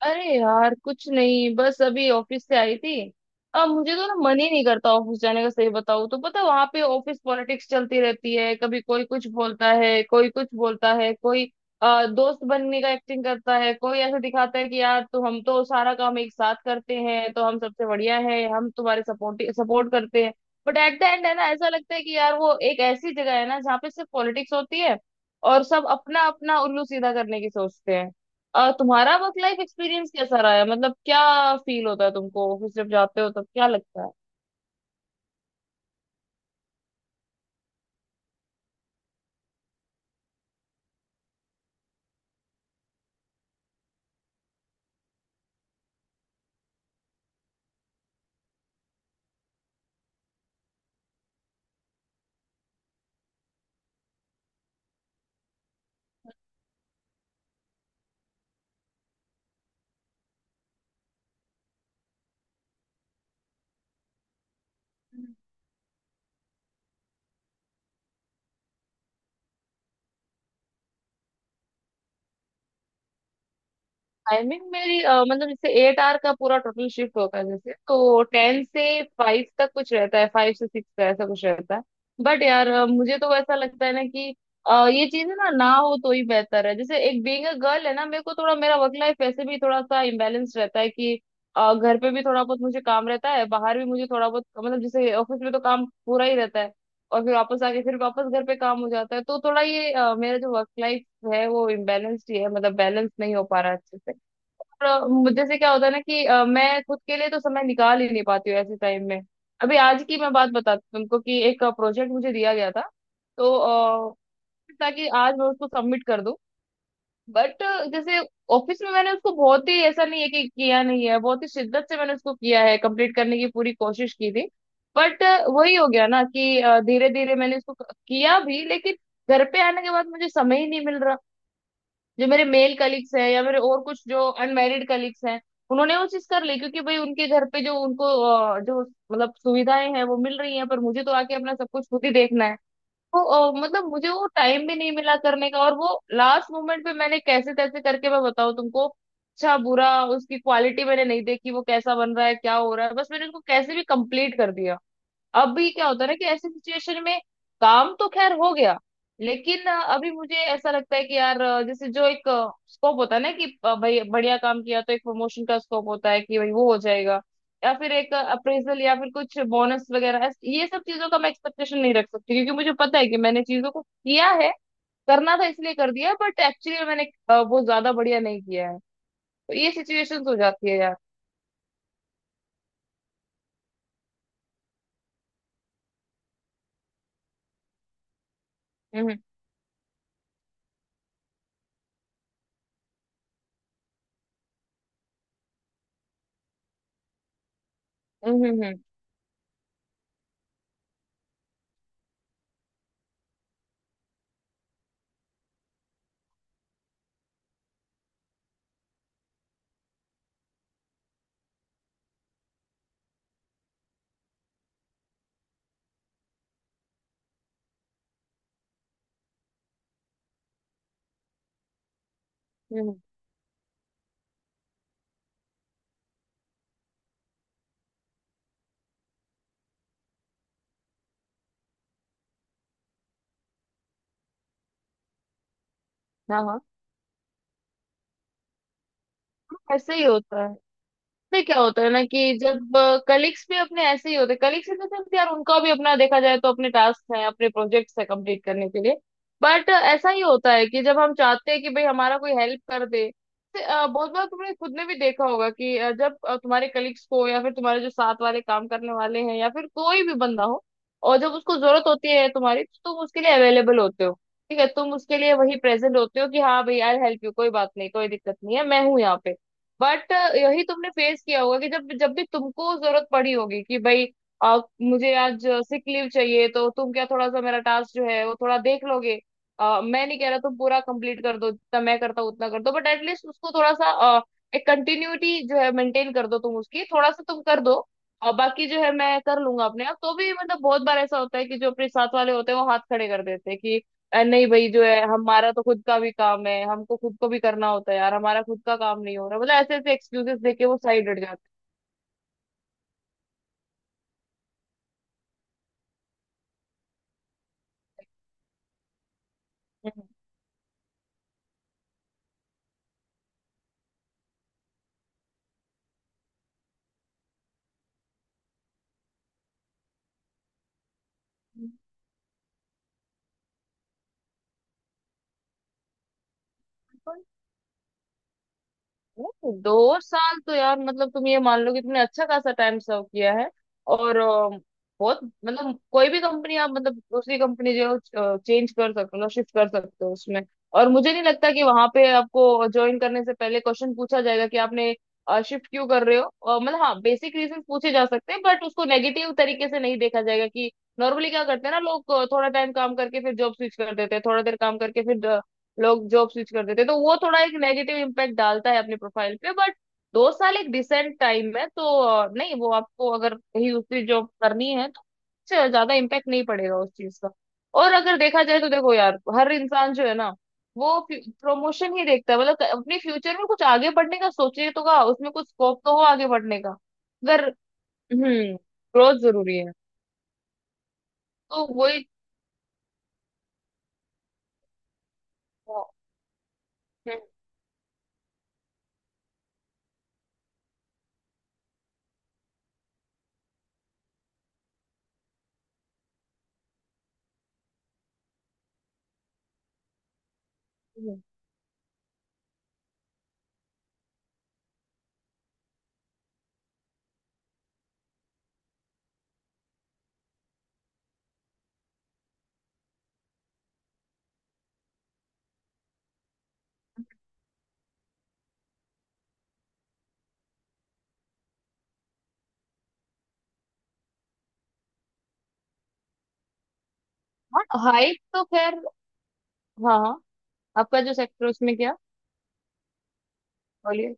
अरे यार कुछ नहीं, बस अभी ऑफिस से आई थी। अब मुझे तो ना मन ही नहीं करता ऑफिस जाने का। सही बताऊं तो पता वहां पे ऑफिस पॉलिटिक्स चलती रहती है। कभी कोई कुछ बोलता है, कोई कुछ बोलता है, कोई दोस्त बनने का एक्टिंग करता है। कोई ऐसे दिखाता है कि यार, तो हम तो सारा काम एक साथ करते हैं तो हम सबसे बढ़िया है, हम तुम्हारे सपोर्ट सपोर्ट करते हैं। बट एट द एंड है ना, ऐसा लगता है कि यार वो एक ऐसी जगह है ना जहाँ पे सिर्फ पॉलिटिक्स होती है। और सब अपना अपना उल्लू सीधा करने की सोचते हैं। तुम्हारा वर्क लाइफ एक्सपीरियंस कैसा रहा है? मतलब क्या फील होता है तुमको, ऑफिस जब जाते हो तब क्या लगता है? टाइमिंग मेरी मतलब जैसे 8 आवर का पूरा टोटल शिफ्ट होता है, जैसे तो 10 से 5 तक कुछ रहता है, 5 से 6 का ऐसा कुछ रहता है। बट यार मुझे तो ऐसा लगता है ना कि ये चीज है ना, ना हो तो ही बेहतर है। जैसे एक बीइंग अ गर्ल है ना, मेरे को थोड़ा मेरा वर्क लाइफ वैसे भी थोड़ा सा इम्बेलेंस रहता है कि घर पे भी थोड़ा बहुत मुझे काम रहता है, बाहर भी मुझे थोड़ा बहुत, मतलब जैसे ऑफिस में तो काम पूरा ही रहता है। और फिर वापस आके फिर वापस घर पे काम हो जाता है, तो थोड़ा ये मेरा जो वर्क लाइफ है वो इम्बेलेंस्ड ही है, मतलब बैलेंस नहीं हो पा रहा है अच्छे से। और मुझे जैसे क्या होता है ना कि मैं खुद के लिए तो समय निकाल ही नहीं पाती हूँ ऐसे टाइम में। अभी आज की मैं बात बताती हूँ तुमको कि एक प्रोजेक्ट मुझे दिया गया था। तो ताकि आज मैं उसको सबमिट कर दूं। बट जैसे ऑफिस में मैंने उसको बहुत ही, ऐसा नहीं है कि किया नहीं है, बहुत ही शिद्दत से मैंने उसको किया है, कंप्लीट करने की पूरी कोशिश की थी। बट वही हो गया ना कि धीरे धीरे मैंने उसको किया भी, लेकिन घर पे आने के बाद मुझे समय ही नहीं मिल रहा। जो मेरे मेल कलीग्स हैं या मेरे और कुछ जो अनमैरिड कलीग्स हैं, उन्होंने वो चीज कर ली, क्योंकि भाई उनके घर पे जो उनको जो मतलब सुविधाएं हैं वो मिल रही हैं, पर मुझे तो आके अपना सब कुछ खुद ही देखना है। तो मतलब मुझे वो टाइम भी नहीं मिला करने का। और वो लास्ट मोमेंट पे मैंने कैसे तैसे करके, मैं बताऊँ तुमको, अच्छा बुरा उसकी क्वालिटी मैंने नहीं देखी, वो कैसा बन रहा है क्या हो रहा है, बस मैंने उसको कैसे भी कंप्लीट कर दिया। अब भी क्या होता है ना कि ऐसी सिचुएशन में काम तो खैर हो गया, लेकिन अभी मुझे ऐसा लगता है कि यार जैसे जो एक स्कोप होता है ना कि भाई बढ़िया काम किया तो एक प्रमोशन का स्कोप होता है कि भाई वो हो जाएगा, या फिर एक अप्रेजल या फिर कुछ बोनस वगैरह। ये सब चीजों का मैं एक्सपेक्टेशन नहीं रख सकती क्योंकि मुझे पता है कि मैंने चीजों को किया है, करना था इसलिए कर दिया, बट एक्चुअली मैंने वो ज्यादा बढ़िया नहीं किया है। तो ये सिचुएशंस हो जाती है यार। हम्म। हम्म। हम्म। हम्म। हम्म। हाँ हाँ, ऐसे ही होता है। में क्या होता है ना कि जब कलीग्स भी अपने ऐसे ही होते हैं, कलीग्स इन द सेंस यार उनका भी अपना देखा जाए तो अपने टास्क हैं अपने प्रोजेक्ट्स हैं कंप्लीट करने के लिए। बट ऐसा ही होता है कि जब हम चाहते हैं कि भाई हमारा कोई हेल्प कर दे, तो बहुत बार तुमने खुद ने भी देखा होगा कि जब तुम्हारे कलीग्स को या फिर तुम्हारे जो साथ वाले काम करने वाले हैं या फिर कोई भी बंदा हो, और जब उसको जरूरत होती है तुम्हारी तो तुम उसके लिए अवेलेबल होते हो। ठीक है, तुम उसके लिए वही प्रेजेंट होते हो कि हाँ भाई आई हेल्प यू, कोई बात नहीं, कोई दिक्कत नहीं है, मैं हूँ यहाँ पे। बट यही तुमने फेस किया होगा कि जब जब भी तुमको जरूरत पड़ी होगी कि भाई मुझे आज सिक लीव चाहिए तो तुम क्या थोड़ा सा मेरा टास्क जो है वो थोड़ा देख लोगे। मैं नहीं कह रहा तुम पूरा कंप्लीट कर दो जितना मैं करता हूँ उतना कर दो, बट एटलीस्ट उसको थोड़ा सा अ, एक कंटिन्यूटी जो है मेंटेन कर दो, तुम उसकी थोड़ा सा तुम कर दो। और बाकी जो है मैं कर लूंगा अपने आप। तो भी मतलब बहुत बार ऐसा होता है कि जो अपने साथ वाले होते हैं वो हाथ खड़े कर देते हैं कि अरे नहीं भाई, जो है हमारा तो खुद का भी काम है, हमको खुद को भी करना होता है यार, हमारा खुद का काम नहीं हो रहा, मतलब ऐसे ऐसे एक्सक्यूजेस देके वो साइड हट जाते हैं। हम्म। नहीं, 2 साल तो यार मतलब तुम ये मान लो कि तुमने अच्छा खासा टाइम सर्व किया है। और बहुत मतलब कोई भी कंपनी आप, मतलब दूसरी कंपनी जो चेंज कर सकते हो, शिफ्ट कर सकते हो उसमें। और मुझे नहीं लगता कि वहां पे आपको ज्वाइन करने से पहले क्वेश्चन पूछा जाएगा कि आपने शिफ्ट क्यों कर रहे हो। मतलब हाँ बेसिक रीजन पूछे जा सकते हैं, बट उसको नेगेटिव तरीके से नहीं देखा जाएगा कि नॉर्मली क्या करते हैं ना लोग, थोड़ा टाइम काम करके फिर जॉब स्विच कर देते हैं, थोड़ा देर काम करके फिर लोग जॉब स्विच कर देते हैं, तो वो थोड़ा एक नेगेटिव इम्पैक्ट डालता है अपनी प्रोफाइल पे। बट 2 साल एक डिसेंट टाइम है, तो नहीं वो आपको अगर कहीं दूसरी जॉब करनी है तो उससे ज्यादा इम्पैक्ट नहीं पड़ेगा उस चीज का। और अगर देखा जाए तो देखो यार हर इंसान जो है ना वो प्रमोशन ही देखता है, मतलब अपने फ्यूचर में कुछ आगे बढ़ने का सोचे तो का उसमें कुछ स्कोप तो हो आगे बढ़ने का अगर। हम्म, ग्रोथ जरूरी है। तो वही। हम्म। हम्म। हाँ, हाइट तो खैर। हाँ हाँ। आपका जो सेक्टर उसमें क्या? बोलिए।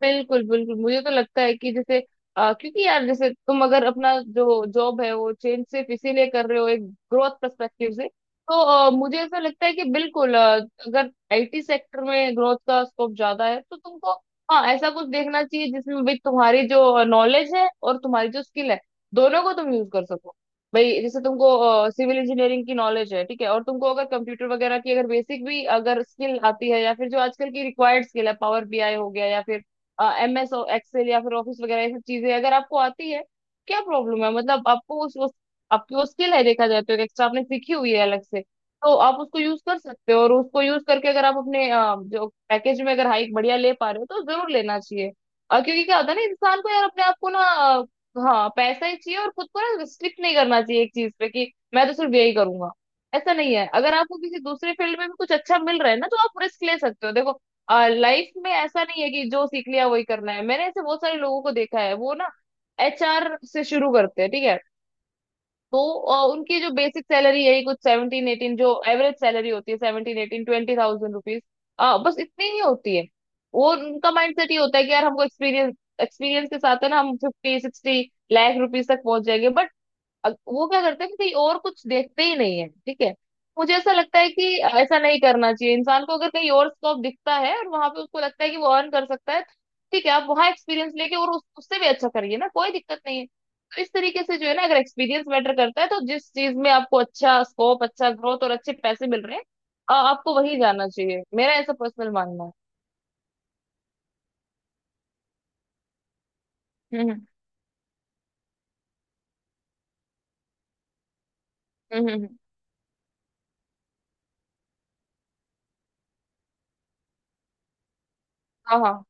बिल्कुल बिल्कुल, मुझे तो लगता है कि जैसे क्योंकि यार जैसे तुम अगर अपना जो जॉब है वो चेंज सिर्फ इसीलिए कर रहे हो एक ग्रोथ पर्सपेक्टिव से, तो मुझे ऐसा लगता है कि बिल्कुल, अगर IT सेक्टर में ग्रोथ का स्कोप ज्यादा है तो तुमको हाँ ऐसा कुछ देखना चाहिए जिसमें भी तुम्हारी जो नॉलेज है और तुम्हारी जो स्किल है दोनों को तुम यूज कर सको। भाई जैसे तुमको सिविल इंजीनियरिंग की नॉलेज है ठीक है, और तुमको अगर कंप्यूटर वगैरह की अगर बेसिक भी अगर स्किल आती है या फिर जो आजकल की रिक्वायर्ड स्किल है, पावर BI हो गया या फिर MS एक्सेल या फिर ऑफिस वगैरह, ये सब चीजें अगर आपको आती है क्या प्रॉब्लम है? मतलब आपको आपकी वो स्किल है, देखा जाए तो एक एक्स्ट्रा आपने सीखी हुई है अलग से, तो आप उसको यूज कर सकते हो। और उसको यूज करके अगर आप अपने जो पैकेज में अगर हाइक बढ़िया ले पा रहे हो तो जरूर लेना चाहिए। और क्योंकि क्या होता है ना इंसान को यार अपने आप को ना, हाँ पैसा ही चाहिए, और खुद को ना रिस्ट्रिक्ट नहीं करना चाहिए एक चीज पे कि मैं तो सिर्फ यही करूंगा। ऐसा नहीं है, अगर आपको किसी दूसरे फील्ड में भी कुछ अच्छा मिल रहा है ना तो आप रिस्क ले सकते हो देखो। लाइफ में ऐसा नहीं है कि जो सीख लिया वही करना है, मैंने ऐसे बहुत सारे लोगों को देखा है वो ना HR से शुरू करते हैं ठीक है। तो उनकी जो बेसिक सैलरी है कुछ 17-18, जो एवरेज सैलरी होती है 17-18-20 थाउजेंड रुपीज, बस इतनी ही होती है। वो उनका माइंडसेट ये होता है कि यार हमको एक्सपीरियंस एक्सपीरियंस के साथ है ना हम 50-60 लाख रुपीज तक पहुंच जाएंगे, बट अब वो क्या करते हैं कि कहीं और कुछ देखते ही नहीं है ठीक है। मुझे ऐसा लगता है कि ऐसा नहीं करना चाहिए इंसान को, अगर कहीं और स्कोप दिखता है और वहां पे उसको लगता है कि वो अर्न कर सकता है ठीक है, आप वहां एक्सपीरियंस लेके और उससे भी अच्छा करिए ना, कोई दिक्कत नहीं है। तो इस तरीके से जो है ना अगर एक्सपीरियंस मैटर करता है तो जिस चीज में आपको अच्छा स्कोप, अच्छा ग्रोथ और अच्छे पैसे मिल रहे हैं, आपको वही जाना चाहिए, मेरा ऐसा पर्सनल मानना है। हम्म। हम्म। हम्म। हम्म। हाँ हाँ।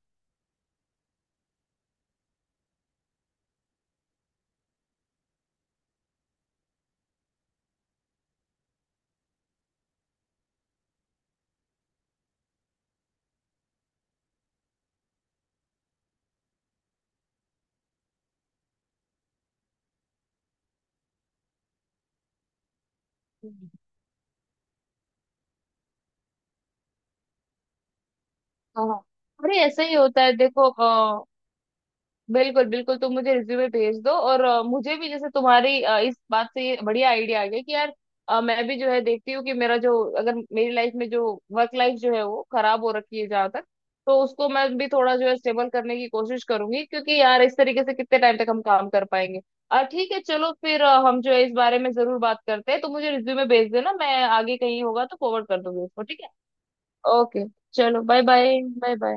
हम्म। हाँ हाँ। अरे ऐसा ही होता है देखो। बिल्कुल बिल्कुल, तुम मुझे रिज्यूमे भेज दो, और मुझे भी जैसे तुम्हारी इस बात से ये बढ़िया आइडिया आ गया कि यार मैं भी जो है देखती हूँ कि मेरा जो, अगर मेरी लाइफ में जो वर्क लाइफ जो है वो खराब हो रखी है जहाँ तक, तो उसको मैं भी थोड़ा जो है स्टेबल करने की कोशिश करूंगी, क्योंकि यार इस तरीके से कितने टाइम तक हम काम कर पाएंगे। ठीक है चलो फिर हम जो है इस बारे में जरूर बात करते हैं, तो मुझे रिज्यूमे भेज देना, मैं आगे कहीं होगा तो फॉरवर्ड कर दूंगी उसको, ठीक है। ओके, चलो बाय बाय बाय बाय।